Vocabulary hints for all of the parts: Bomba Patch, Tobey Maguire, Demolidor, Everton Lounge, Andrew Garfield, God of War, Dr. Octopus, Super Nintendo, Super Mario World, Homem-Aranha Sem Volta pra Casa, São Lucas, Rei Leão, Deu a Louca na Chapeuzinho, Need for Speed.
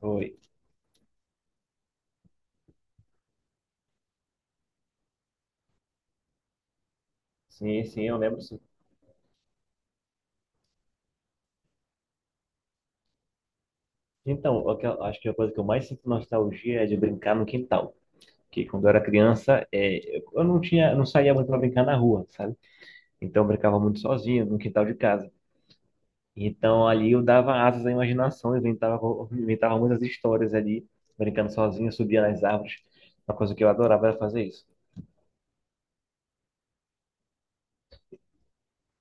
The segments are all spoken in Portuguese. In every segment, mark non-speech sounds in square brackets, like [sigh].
Foi. Sim, sim, eu lembro sim. Então, acho que a coisa que eu mais sinto nostalgia é de brincar no quintal. Porque quando eu era criança, eu não tinha, eu não saía muito para brincar na rua, sabe? Então eu brincava muito sozinho no quintal de casa. Então ali eu dava asas à imaginação, eu inventava muitas histórias ali, brincando sozinho, subia nas árvores. Uma coisa que eu adorava era fazer isso.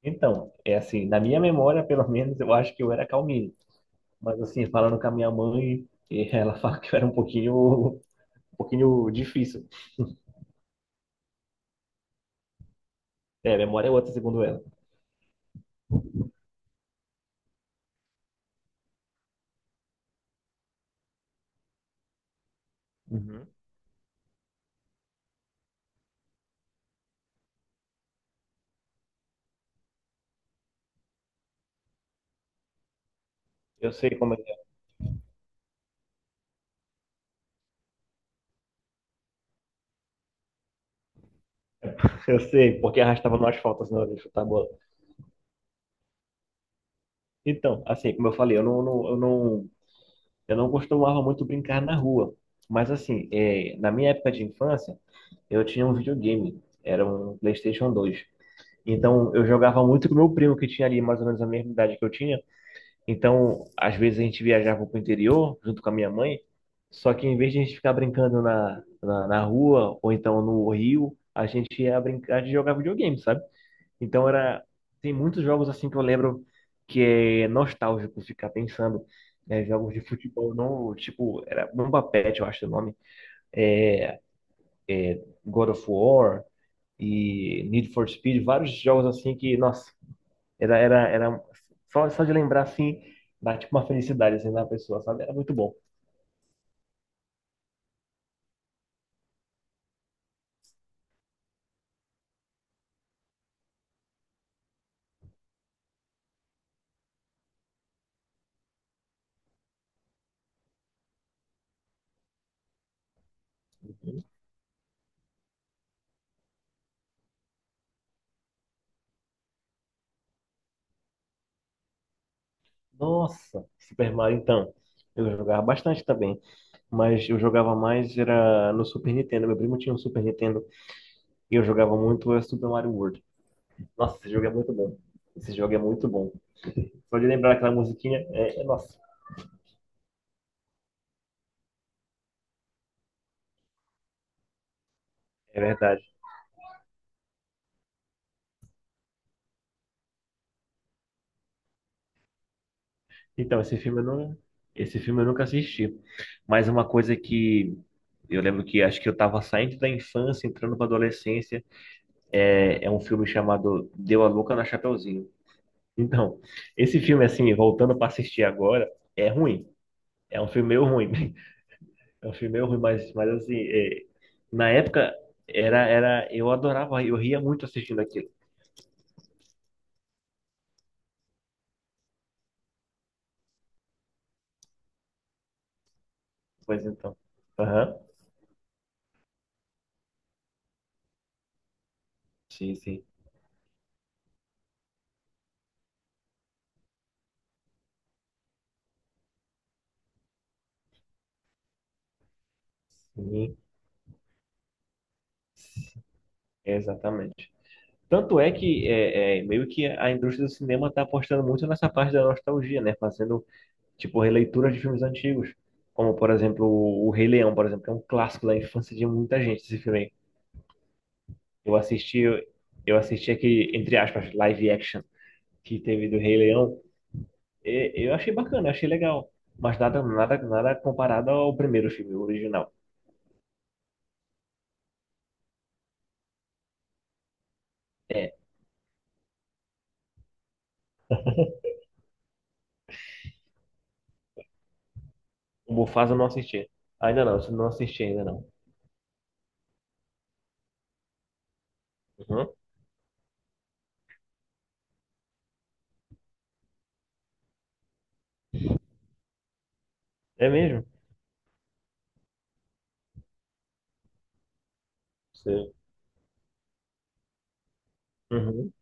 Então, é assim, na minha memória, pelo [laughs] menos, eu acho que eu era calminho. Mas assim, falando com a minha mãe, ela [laughs] fala que eu era um pouquinho difícil. É, a memória é outra, segundo ela. Uhum. Eu sei como é que é. Eu sei, porque arrastava no asfalto, senão eu de chutar a bola. Então, assim, como eu falei, eu não, não- eu não, eu não costumava muito brincar na rua. Mas, assim, na minha época de infância, eu tinha um videogame. Era um PlayStation 2. Então, eu jogava muito com meu primo, que tinha ali mais ou menos a mesma idade que eu tinha. Então, às vezes a gente viajava para o interior junto com a minha mãe, só que em vez de a gente ficar brincando na rua ou então no rio, a gente ia brincar de jogar videogame, sabe? Então era tem muitos jogos assim que eu lembro que é nostálgico ficar pensando, né? Jogos de futebol não, tipo, era Bomba Patch, eu acho o nome, é, God of War e Need for Speed, vários jogos assim que, nossa, era só de lembrar assim, dá tipo uma felicidade assim na pessoa, sabe? Era muito bom. Nossa, Super Mario então. Eu jogava bastante também, mas eu jogava mais era no Super Nintendo. Meu primo tinha um Super Nintendo e eu jogava muito Super Mario World. Nossa, esse jogo é muito bom. Esse jogo é muito bom. Só de lembrar aquela musiquinha, nossa, é verdade. Então, esse filme eu nunca assisti. Mas uma coisa que eu lembro que acho que eu estava saindo da infância, entrando para adolescência, é um filme chamado Deu a Louca na Chapeuzinho. Então, esse filme, assim, voltando para assistir agora, é ruim. É um filme meio ruim. [laughs] É um filme meio ruim, mas assim, na época, eu adorava, eu ria muito assistindo aquilo. Pois então. Aham. Sim, sim. Sim, exatamente. Tanto é que é, meio que a indústria do cinema está apostando muito nessa parte da nostalgia, né? Fazendo tipo releituras de filmes antigos, como por exemplo o Rei Leão, por exemplo, que é um clássico da infância de muita gente esse filme aí. Eu assisti, eu assisti aquele entre aspas live action que teve do Rei Leão, e eu achei bacana, eu achei legal, mas nada nada nada comparado ao primeiro filme o original. É, o Mufasa eu não assisti. Ainda não, eu não assisti ainda não. Uhum. É mesmo? Sim. Uhum.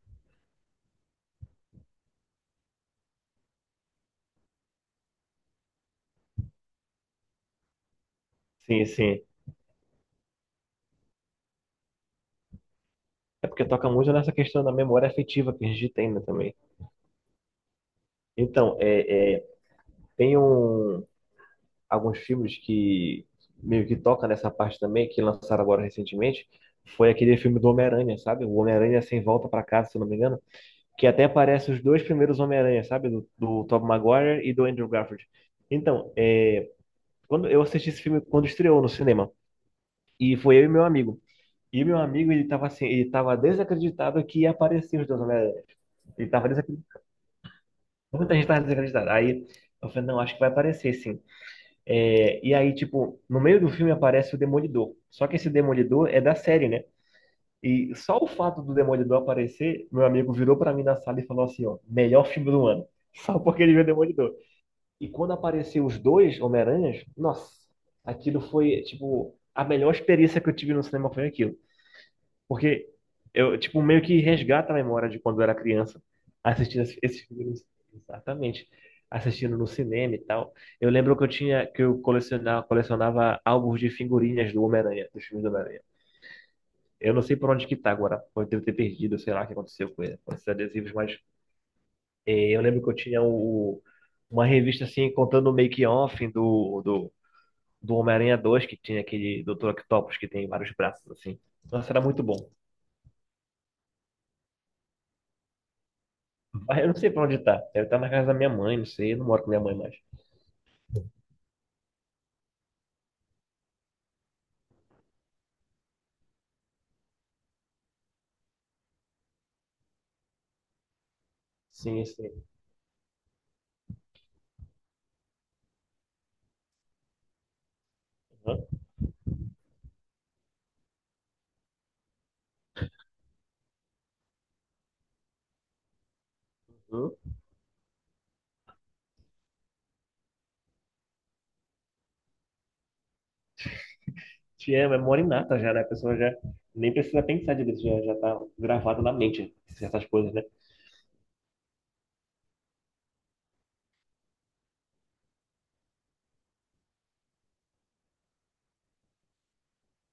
Sim, sim. É porque toca muito nessa questão da memória afetiva que a gente tem, né, também. Então, tem alguns filmes que meio que toca nessa parte também, que lançaram agora recentemente, foi aquele filme do Homem-Aranha, sabe? O Homem-Aranha Sem Volta pra Casa, se eu não me engano, que até aparece os dois primeiros Homem-Aranha, sabe? Do Tobey Maguire e do Andrew Garfield. Então, quando eu assisti esse filme quando estreou no cinema, e foi eu e meu amigo. E meu amigo, ele tava assim, ele tava desacreditado que ia aparecer os dois Homem-Aranha. Ele tava desacreditado. Muita gente tava desacreditada. Aí eu falei, não, acho que vai aparecer sim. É, e aí, tipo, no meio do filme aparece o Demolidor. Só que esse Demolidor é da série, né? E só o fato do Demolidor aparecer, meu amigo virou pra mim na sala e falou assim, ó, melhor filme do ano. [laughs] Só porque ele viu o Demolidor. E quando apareceu os dois Homem-Aranhas, nossa, aquilo foi, tipo, a melhor experiência que eu tive no cinema foi aquilo. Porque eu, tipo, meio que resgata a memória de quando eu era criança, assistindo esses filmes. Exatamente. Assistindo no cinema e tal. Eu lembro que eu tinha, que eu colecionava álbuns de figurinhas do Homem-Aranha, dos filmes do Homem-Aranha. Eu não sei por onde que tá agora. Pode ter perdido, sei lá o que aconteceu com ele, com esses adesivos, mas eu lembro que eu tinha uma revista assim, contando o make-off do Homem-Aranha 2 que tinha aquele Dr. Octopus que tem vários braços assim. Nossa, era muito bom. Mas eu não sei pra onde tá. Deve estar na casa da minha mãe, não sei. Eu não moro com minha mãe mais. Sim, sim. Aham, uhum. Te amo, é mora inata já, né? A pessoa já nem precisa pensar direito, já tá gravado na mente essas coisas, né?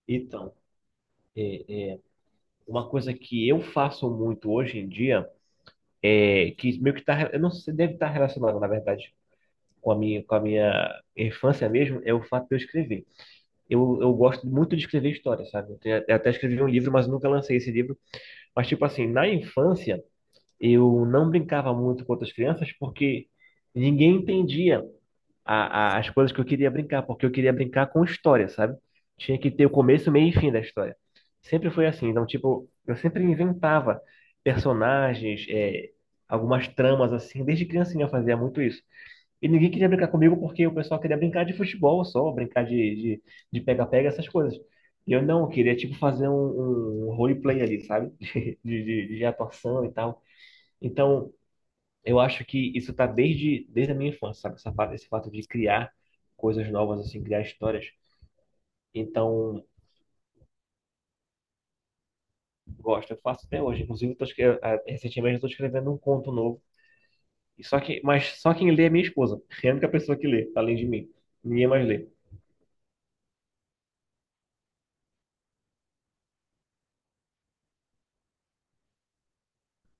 Então, é, uma coisa que eu faço muito hoje em dia é que meio que tá, eu não sei, deve estar relacionado, na verdade, com a minha infância mesmo, é o fato de eu escrever. Eu gosto muito de escrever histórias, sabe? Eu até escrevi um livro, mas nunca lancei esse livro. Mas, tipo assim, na infância. Eu não brincava muito com outras crianças porque ninguém entendia as coisas que eu queria brincar, porque eu queria brincar com história, sabe? Tinha que ter o começo, meio e fim da história. Sempre foi assim. Então, tipo, eu sempre inventava personagens, algumas tramas assim. Desde criancinha eu fazia muito isso. E ninguém queria brincar comigo porque o pessoal queria brincar de futebol só, brincar de de pega-pega, essas coisas. E eu não, eu queria, tipo, fazer um, roleplay ali, sabe? [laughs] De atuação e tal. Então, eu acho que isso está desde a minha infância, sabe? Esse fato de criar coisas novas, assim, criar histórias. Então, gosto, eu faço até hoje. Inclusive, eu tô, escre- ah, recentemente eu estou escrevendo um conto novo. E só que, mas só quem lê é minha esposa. [laughs] É a única pessoa que lê, além de mim. Ninguém mais lê.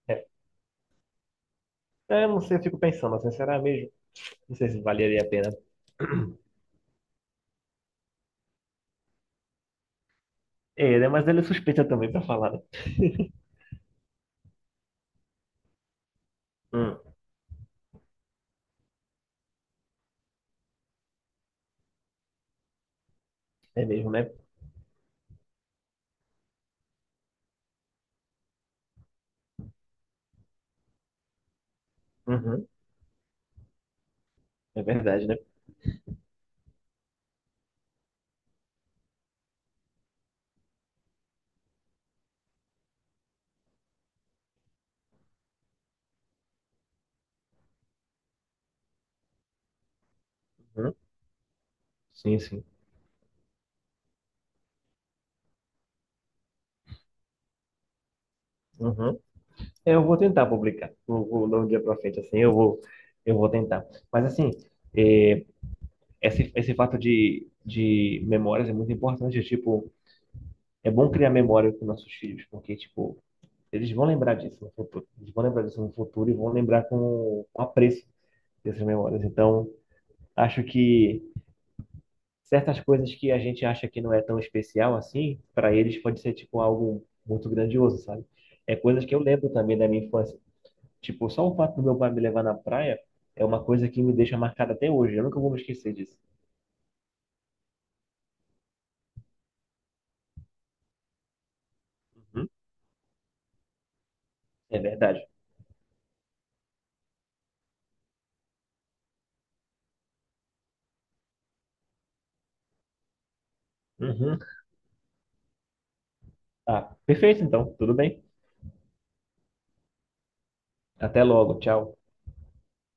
É. Eu não sei, eu fico pensando, assim, será mesmo? Não sei se valeria a pena. É, né? Mas ele é suspeita também pra falar, né? Hum, é mesmo, né? Uhum, é verdade, né? Uhum, sim, sim. Uhum. É, eu vou tentar publicar. Não vou dar um dia para frente assim, eu vou tentar. Mas assim, é, esse fato de memórias é muito importante. Tipo, é bom criar memória com nossos filhos, porque tipo, eles vão lembrar disso no futuro. Eles vão lembrar disso no futuro e vão lembrar com apreço dessas memórias. Então, acho que certas coisas que a gente acha que não é tão especial assim, para eles pode ser tipo algo muito grandioso, sabe? É coisas que eu lembro também da minha infância. Tipo, só o fato do meu pai me levar na praia é uma coisa que me deixa marcada até hoje. Eu nunca vou me esquecer disso. Uhum. É verdade. Uhum. Ah, perfeito então. Tudo bem. Até logo. Tchau.